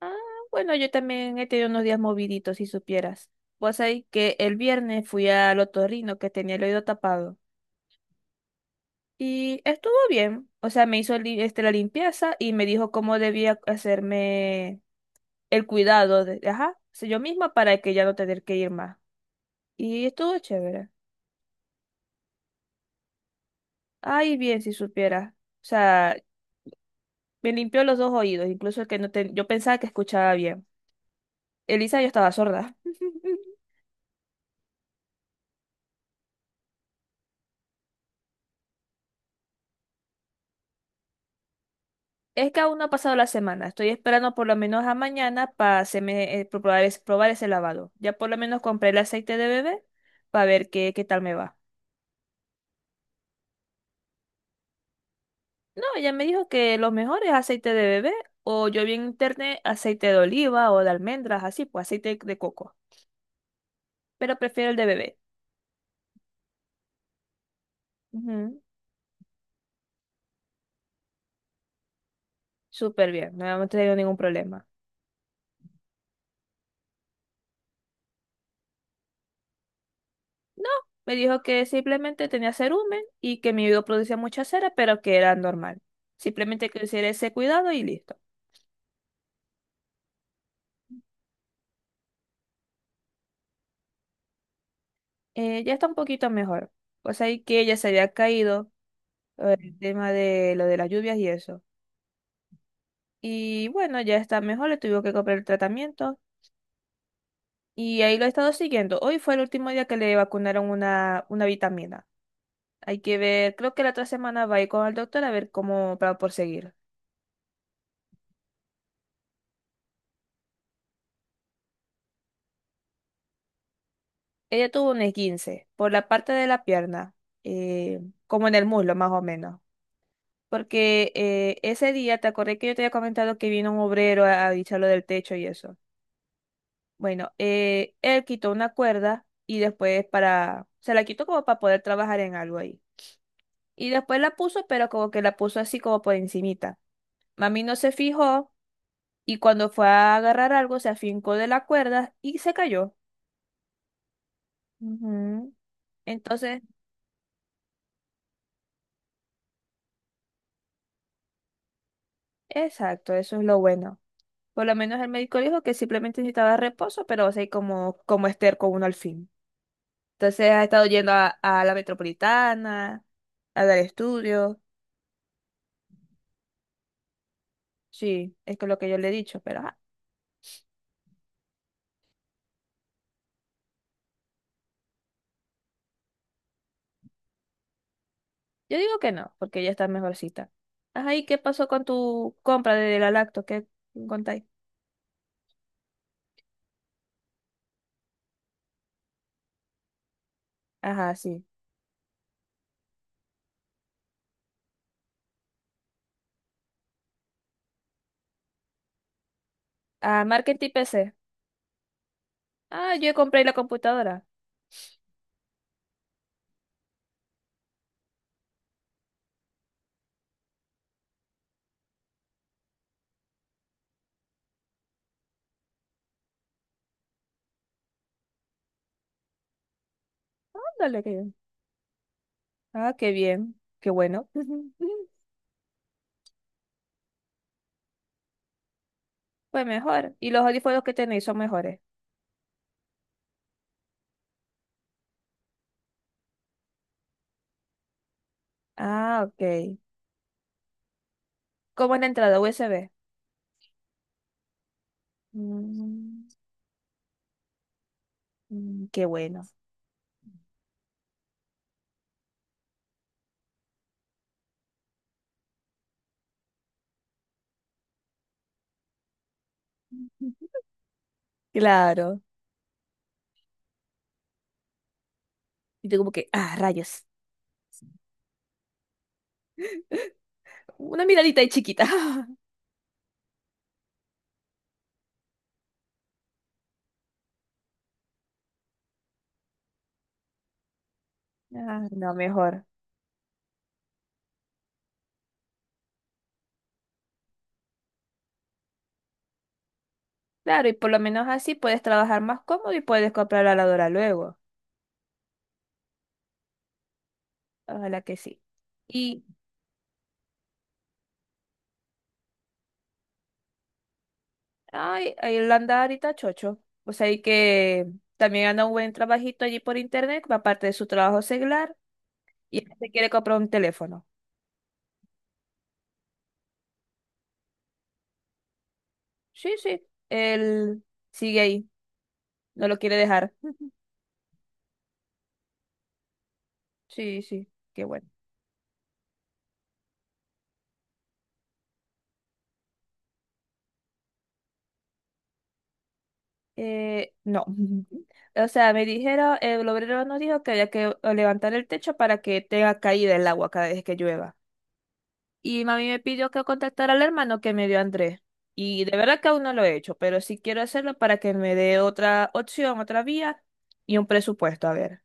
Ah, bueno, yo también he tenido unos días moviditos, si supieras. Pues ahí que el viernes fui al otorrino que tenía el oído tapado y estuvo bien. O sea, me hizo la limpieza y me dijo cómo debía hacerme el cuidado de, ajá, o sea, yo misma para que ya no tener que ir más. Y estuvo chévere. Ay, bien, si supieras. O sea, me limpió los dos oídos, incluso el que no yo pensaba que escuchaba bien. Elisa, yo estaba sorda. Es que aún no ha pasado la semana. Estoy esperando por lo menos a mañana para probar ese lavado. Ya por lo menos compré el aceite de bebé para ver qué tal me va. No, ella me dijo que lo mejor es aceite de bebé o yo vi en internet aceite de oliva o de almendras, así, pues aceite de coco. Pero prefiero el de bebé. Ujú. Súper bien, no hemos tenido ningún problema. No, me dijo que simplemente tenía cerumen y que mi oído producía mucha cera, pero que era normal. Simplemente que hiciera ese cuidado y listo. Ya está un poquito mejor. Pues ahí que ella se había caído, el tema de lo de las lluvias y eso. Y bueno, ya está mejor, le tuvo que comprar el tratamiento y ahí lo he estado siguiendo. Hoy fue el último día que le vacunaron una vitamina. Hay que ver, creo que la otra semana va a ir con el doctor a ver cómo para proseguir. Ella tuvo un esguince por la parte de la pierna, eh, como en el muslo más o menos. Porque ese día, te acordé que yo te había comentado que vino un obrero a echarlo del techo y eso. Bueno, él quitó una cuerda y después se la quitó como para poder trabajar en algo ahí. Y después la puso, pero como que la puso así como por encimita. Mami no se fijó y cuando fue a agarrar algo se afincó de la cuerda y se cayó. Ujú. Entonces, exacto, eso es lo bueno. Por lo menos el médico dijo que simplemente necesitaba reposo, pero o sea, como Esther con uno al fin. Entonces ha estado yendo a la metropolitana, a dar estudios. Sí, es que lo que yo le he dicho, pero... ajá. Yo digo que no, porque ya está mejorcita. Ajá, ¿y qué pasó con tu compra de la lacto? ¿Qué contáis? Ajá, sí. Ah, marketing PC. Ah, yo compré la computadora. Ándale, qué bien. Ah, qué bien. Qué bueno. Pues mejor. ¿Y los audífonos que tenéis son mejores? Ah, ok. ¿Cómo es la entrada USB? Mm, mm, qué bueno. Claro. Y tú como que, ah, rayos. Una miradita ahí chiquita. Ah, no, mejor. Claro, y por lo menos así puedes trabajar más cómodo y puedes comprar la lavadora luego. Ojalá que sí. Y, ay, ahí lo anda ahorita chocho. O sea, y que también anda un buen trabajito allí por internet, aparte de su trabajo seglar, y él se quiere comprar un teléfono. Sí, sí, él sigue ahí, no lo quiere dejar. Sí, sí, qué bueno. No. O sea, me dijeron, el obrero nos dijo que había que levantar el techo para que tenga caída el agua cada vez que llueva. Y mami me pidió que contactara al hermano que me dio Andrés. Y de verdad que aún no lo he hecho, pero sí quiero hacerlo para que me dé otra opción, otra vía y un presupuesto. A ver,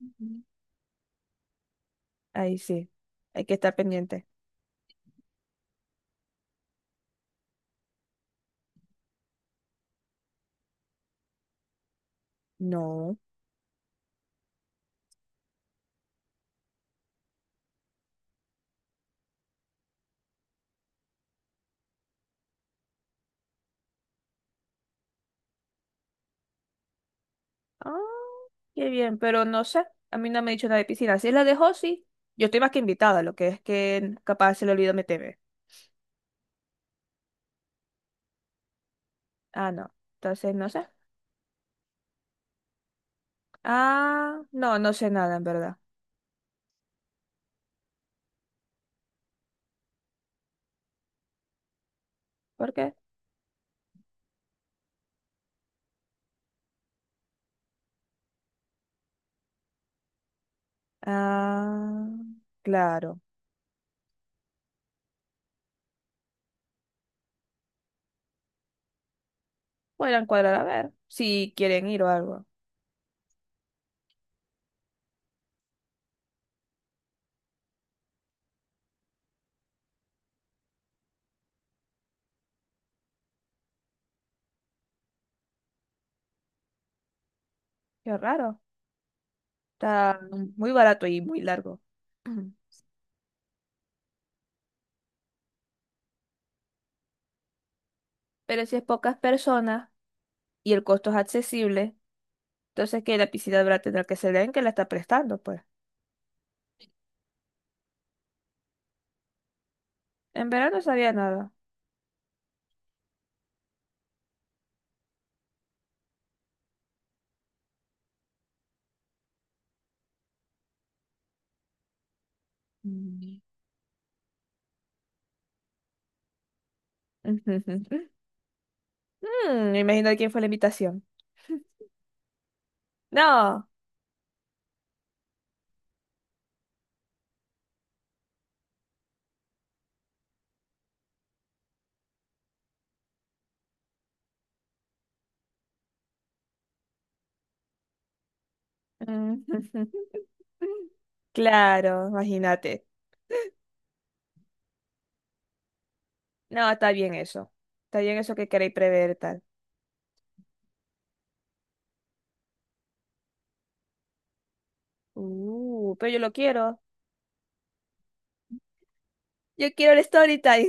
ujú, ahí sí, hay que estar pendiente. No. Ah, qué bien, pero no sé. A mí no me ha dicho nada de piscina. Si es la dejó, sí. Yo estoy más que invitada, lo que es que capaz se le olvidó meterme. Ah, no. Entonces, no sé. Ah, no, no sé nada, en verdad. ¿Por qué? Ah, claro. Podrían cuadrar a ver si quieren ir o algo. Qué raro. Está muy barato y muy largo. Ujú. Pero si es pocas personas y el costo es accesible, entonces que la piscina habrá tendrá que ser de que la está prestando, pues. En verano sabía nada. Mm. Mm, imagina quién fue la invitación. No. Mm. Claro, imagínate. No, está bien eso. Está bien eso que queréis prever tal. Pero yo lo quiero. Yo quiero el story time.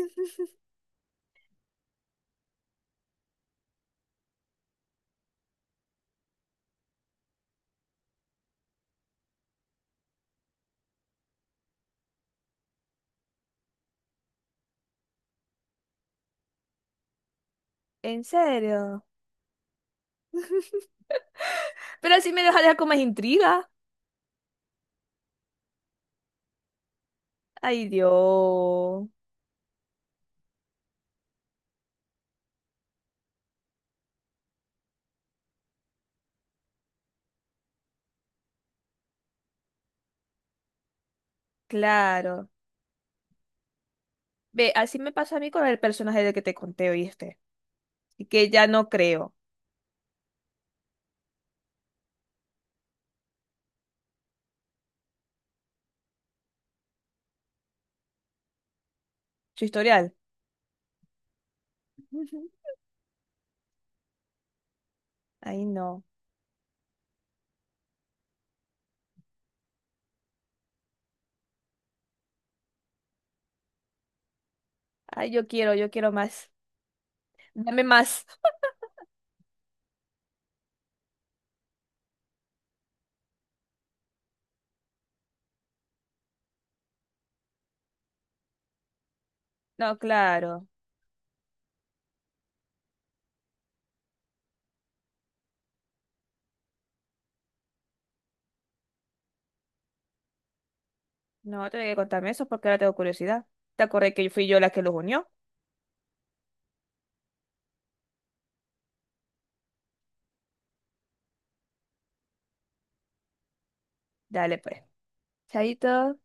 ¿En serio? Pero así me deja con más intriga. Ay, Dios. Claro. Ve, así me pasa a mí con el personaje del que te conté, ¿oíste? Y que ya no creo. Su historial. Ay, no. Ay, yo quiero más. Dame más. No, claro. No, tengo que contarme eso porque ahora tengo curiosidad. ¿Te acordé que fui yo la que los unió? Dale, pues. Chaito.